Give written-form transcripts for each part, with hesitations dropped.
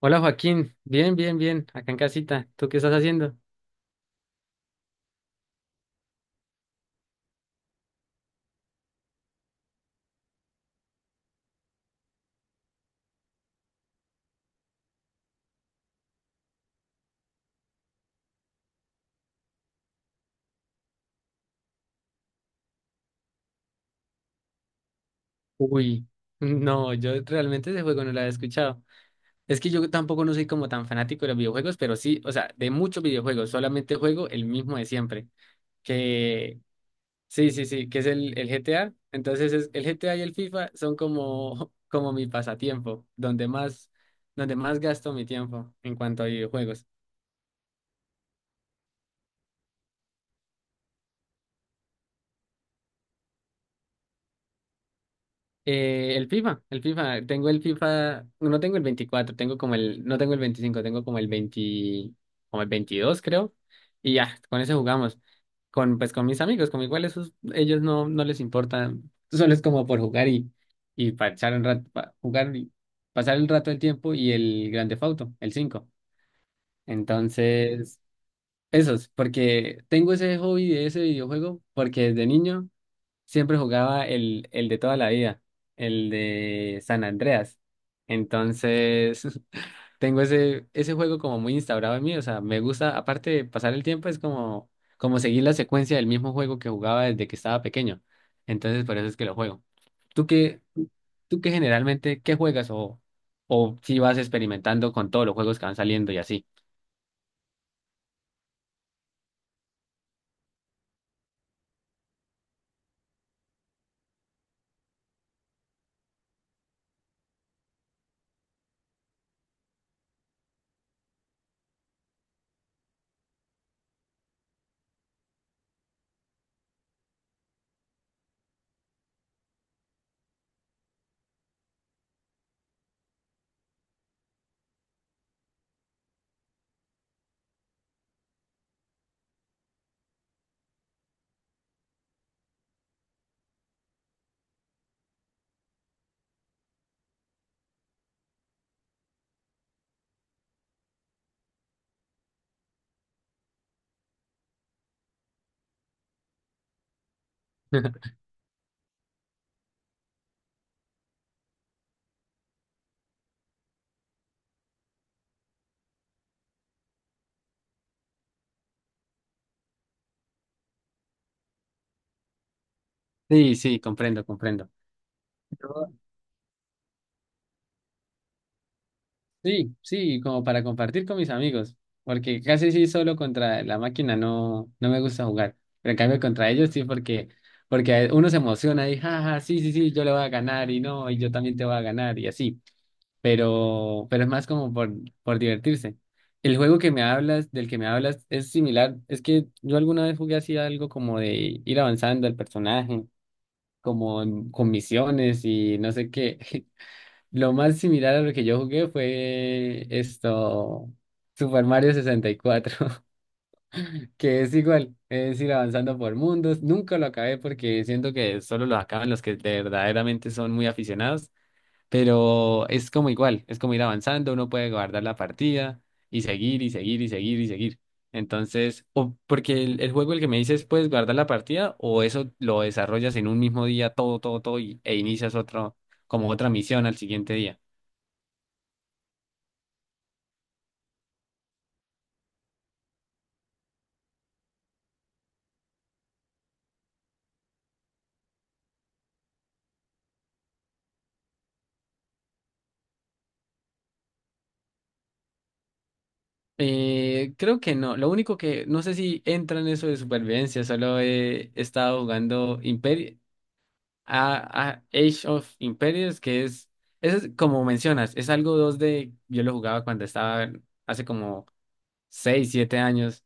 Hola Joaquín, bien, bien, bien, acá en casita. ¿Tú qué estás haciendo? Uy, no, yo realmente ese juego no lo había escuchado. Es que yo tampoco no soy como tan fanático de los videojuegos, pero sí, o sea, de muchos videojuegos, solamente juego el mismo de siempre. Que sí, sí, sí, que es el GTA. Entonces es, el GTA y el FIFA son como, como mi pasatiempo, donde más gasto mi tiempo en cuanto a videojuegos. Tengo el FIFA, no tengo el 24, tengo como no tengo el 25, tengo como el 20, como el 22 creo, y ya, con ese jugamos, pues con mis amigos, como igual esos, ellos no, no les importa, solo es como por jugar y pasar un rato, jugar y pasar el rato del tiempo y el grande Theft Auto, el cinco. Entonces, esos, porque tengo ese hobby de ese videojuego, porque desde niño siempre jugaba el de toda la vida, el de San Andreas. Entonces, tengo ese, ese juego como muy instaurado en mí. O sea, me gusta, aparte de pasar el tiempo, es como, como seguir la secuencia del mismo juego que jugaba desde que estaba pequeño. Entonces, por eso es que lo juego. ¿Tú qué, Tú qué generalmente, qué juegas o si vas experimentando con todos los juegos que van saliendo y así? Sí, sí, comprendo, comprendo. Sí, sí, como para compartir con mis amigos, porque casi sí solo contra la máquina no me gusta jugar, pero en cambio contra ellos sí porque uno se emociona y jaja, sí, sí, sí, yo le voy a ganar y no, y yo también te voy a ganar y así, pero es más como por divertirse. El juego que me hablas, Del que me hablas, es similar, es que yo alguna vez jugué así algo como de ir avanzando el personaje, como con misiones y no sé qué. Lo más similar a lo que yo jugué fue esto, Super Mario 64. Que es igual, es ir avanzando por mundos. Nunca lo acabé porque siento que solo lo acaban los que de verdaderamente son muy aficionados, pero es como igual, es como ir avanzando, uno puede guardar la partida y seguir y seguir y seguir y seguir. Entonces, o porque el juego el que me dices, puedes guardar la partida o eso lo desarrollas en un mismo día todo, todo, todo e inicias otro, como otra misión al siguiente día. Creo que no. Lo único que no sé si entra en eso de supervivencia. Solo he estado jugando Imperi a Age of Empires, que es, eso es como mencionas, es algo dos d. Yo lo jugaba cuando estaba hace como 6 7 años.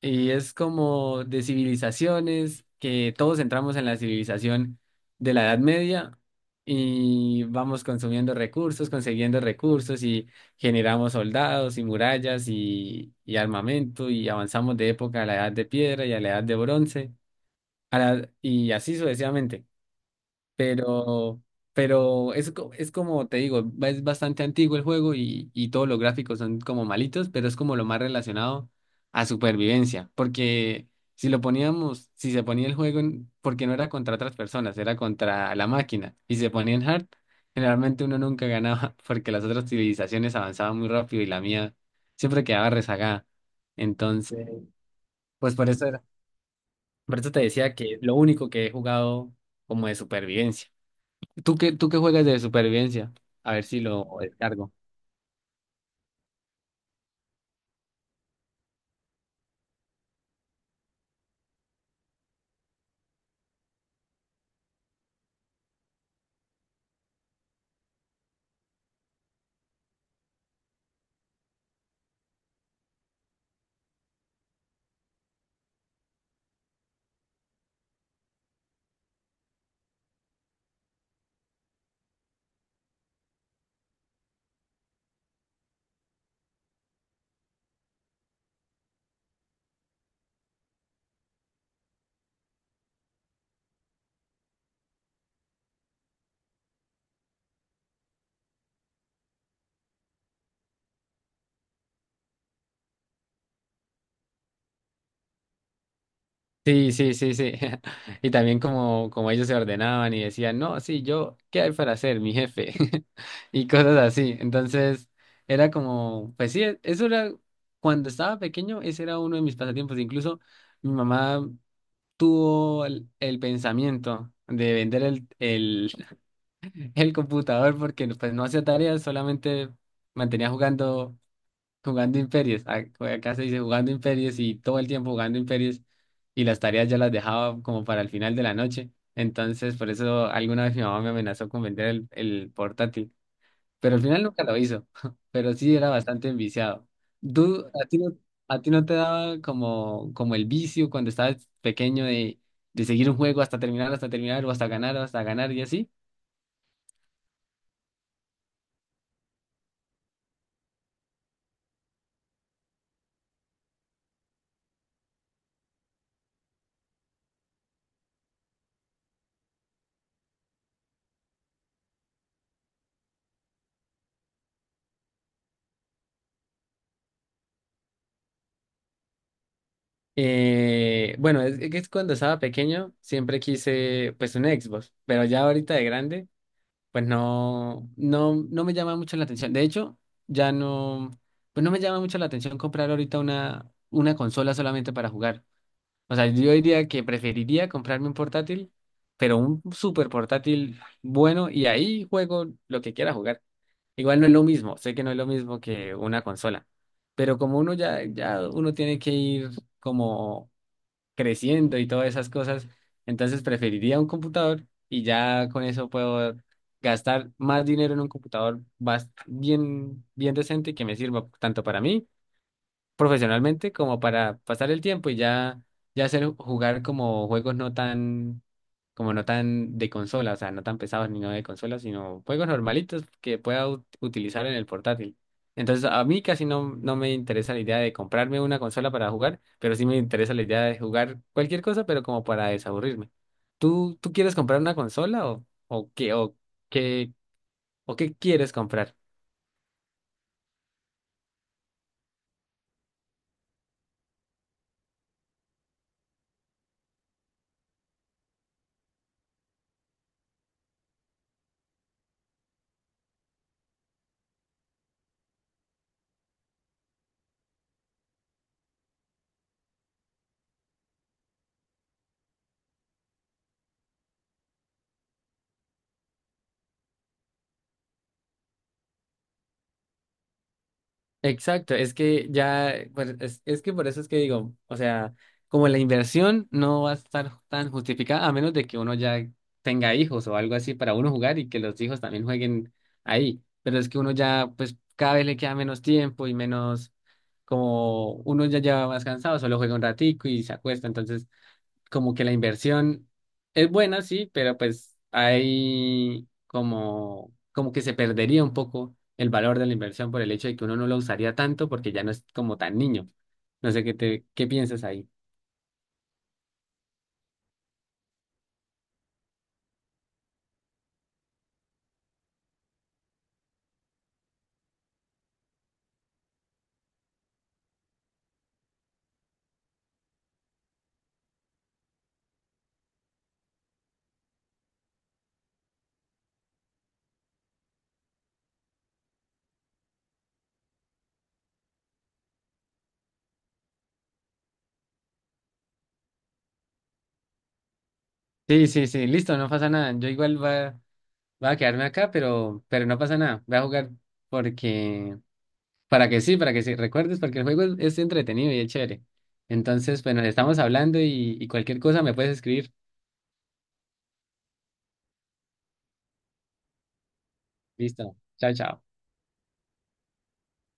Y es como de civilizaciones, que todos entramos en la civilización de la Edad Media y vamos consumiendo recursos, consiguiendo recursos y generamos soldados y murallas y armamento y avanzamos de época a la Edad de Piedra y a la Edad de Bronce y así sucesivamente. Pero, pero es como te digo, es bastante antiguo el juego y todos los gráficos son como malitos, pero es como lo más relacionado a supervivencia. Porque si lo poníamos, si se ponía el juego, porque no era contra otras personas, era contra la máquina, y se ponía en hard, generalmente uno nunca ganaba porque las otras civilizaciones avanzaban muy rápido y la mía siempre quedaba rezagada. Entonces, pues por eso te decía que lo único que he jugado como de supervivencia. ¿ Tú qué juegas de supervivencia? A ver si lo descargo. Sí, sí, sí, sí. Y también como, ellos se ordenaban y decían, no, sí, yo, ¿qué hay para hacer, mi jefe? Y cosas así. Entonces, era como, pues sí, eso era, cuando estaba pequeño, ese era uno de mis pasatiempos. Incluso mi mamá tuvo el pensamiento de vender el computador porque pues no hacía tareas, solamente mantenía jugando imperios. Acá se dice jugando imperios y todo el tiempo jugando imperios y las tareas ya las dejaba como para el final de la noche. Entonces, por eso alguna vez mi mamá me amenazó con vender el portátil, pero al final nunca lo hizo, pero sí era bastante enviciado. ¿Tú, a ti no, A ti no te daba como, el vicio cuando estabas pequeño de seguir un juego hasta terminar, o hasta ganar y así? Bueno, es cuando estaba pequeño siempre quise pues un Xbox, pero ya ahorita de grande pues no me llama mucho la atención. De hecho, ya no, pues no me llama mucho la atención comprar ahorita una consola solamente para jugar. O sea, yo diría que preferiría comprarme un portátil, pero un super portátil bueno y ahí juego lo que quiera jugar. Igual no es lo mismo, sé que no es lo mismo que una consola, pero como uno ya uno tiene que ir como creciendo y todas esas cosas. Entonces preferiría un computador y ya con eso puedo gastar más dinero en un computador bien, bien decente que me sirva tanto para mí profesionalmente como para pasar el tiempo y ya, ya hacer jugar como juegos no tan, como no tan de consola, o sea, no tan pesados ni no de consola, sino juegos normalitos que pueda utilizar en el portátil. Entonces, a mí casi no me interesa la idea de comprarme una consola para jugar, pero sí me interesa la idea de jugar cualquier cosa, pero como para desaburrirme. ¿Tú quieres comprar una consola qué, o qué quieres comprar? Exacto, es que ya, pues, es que por eso es que digo, o sea, como la inversión no va a estar tan justificada a menos de que uno ya tenga hijos o algo así para uno jugar y que los hijos también jueguen ahí, pero es que uno ya, pues cada vez le queda menos tiempo y menos, como uno ya lleva más cansado, solo juega un ratico y se acuesta, entonces como que la inversión es buena, sí, pero pues hay como, que se perdería un poco el valor de la inversión por el hecho de que uno no lo usaría tanto porque ya no es como tan niño. No sé qué piensas ahí. Sí, sí, sí, listo, no pasa nada. Yo igual va a quedarme acá, pero no pasa nada. Voy a jugar porque, para que sí, recuerdes, porque el juego es entretenido y es chévere. Entonces, bueno, estamos hablando y cualquier cosa me puedes escribir. Listo. Chao, chao.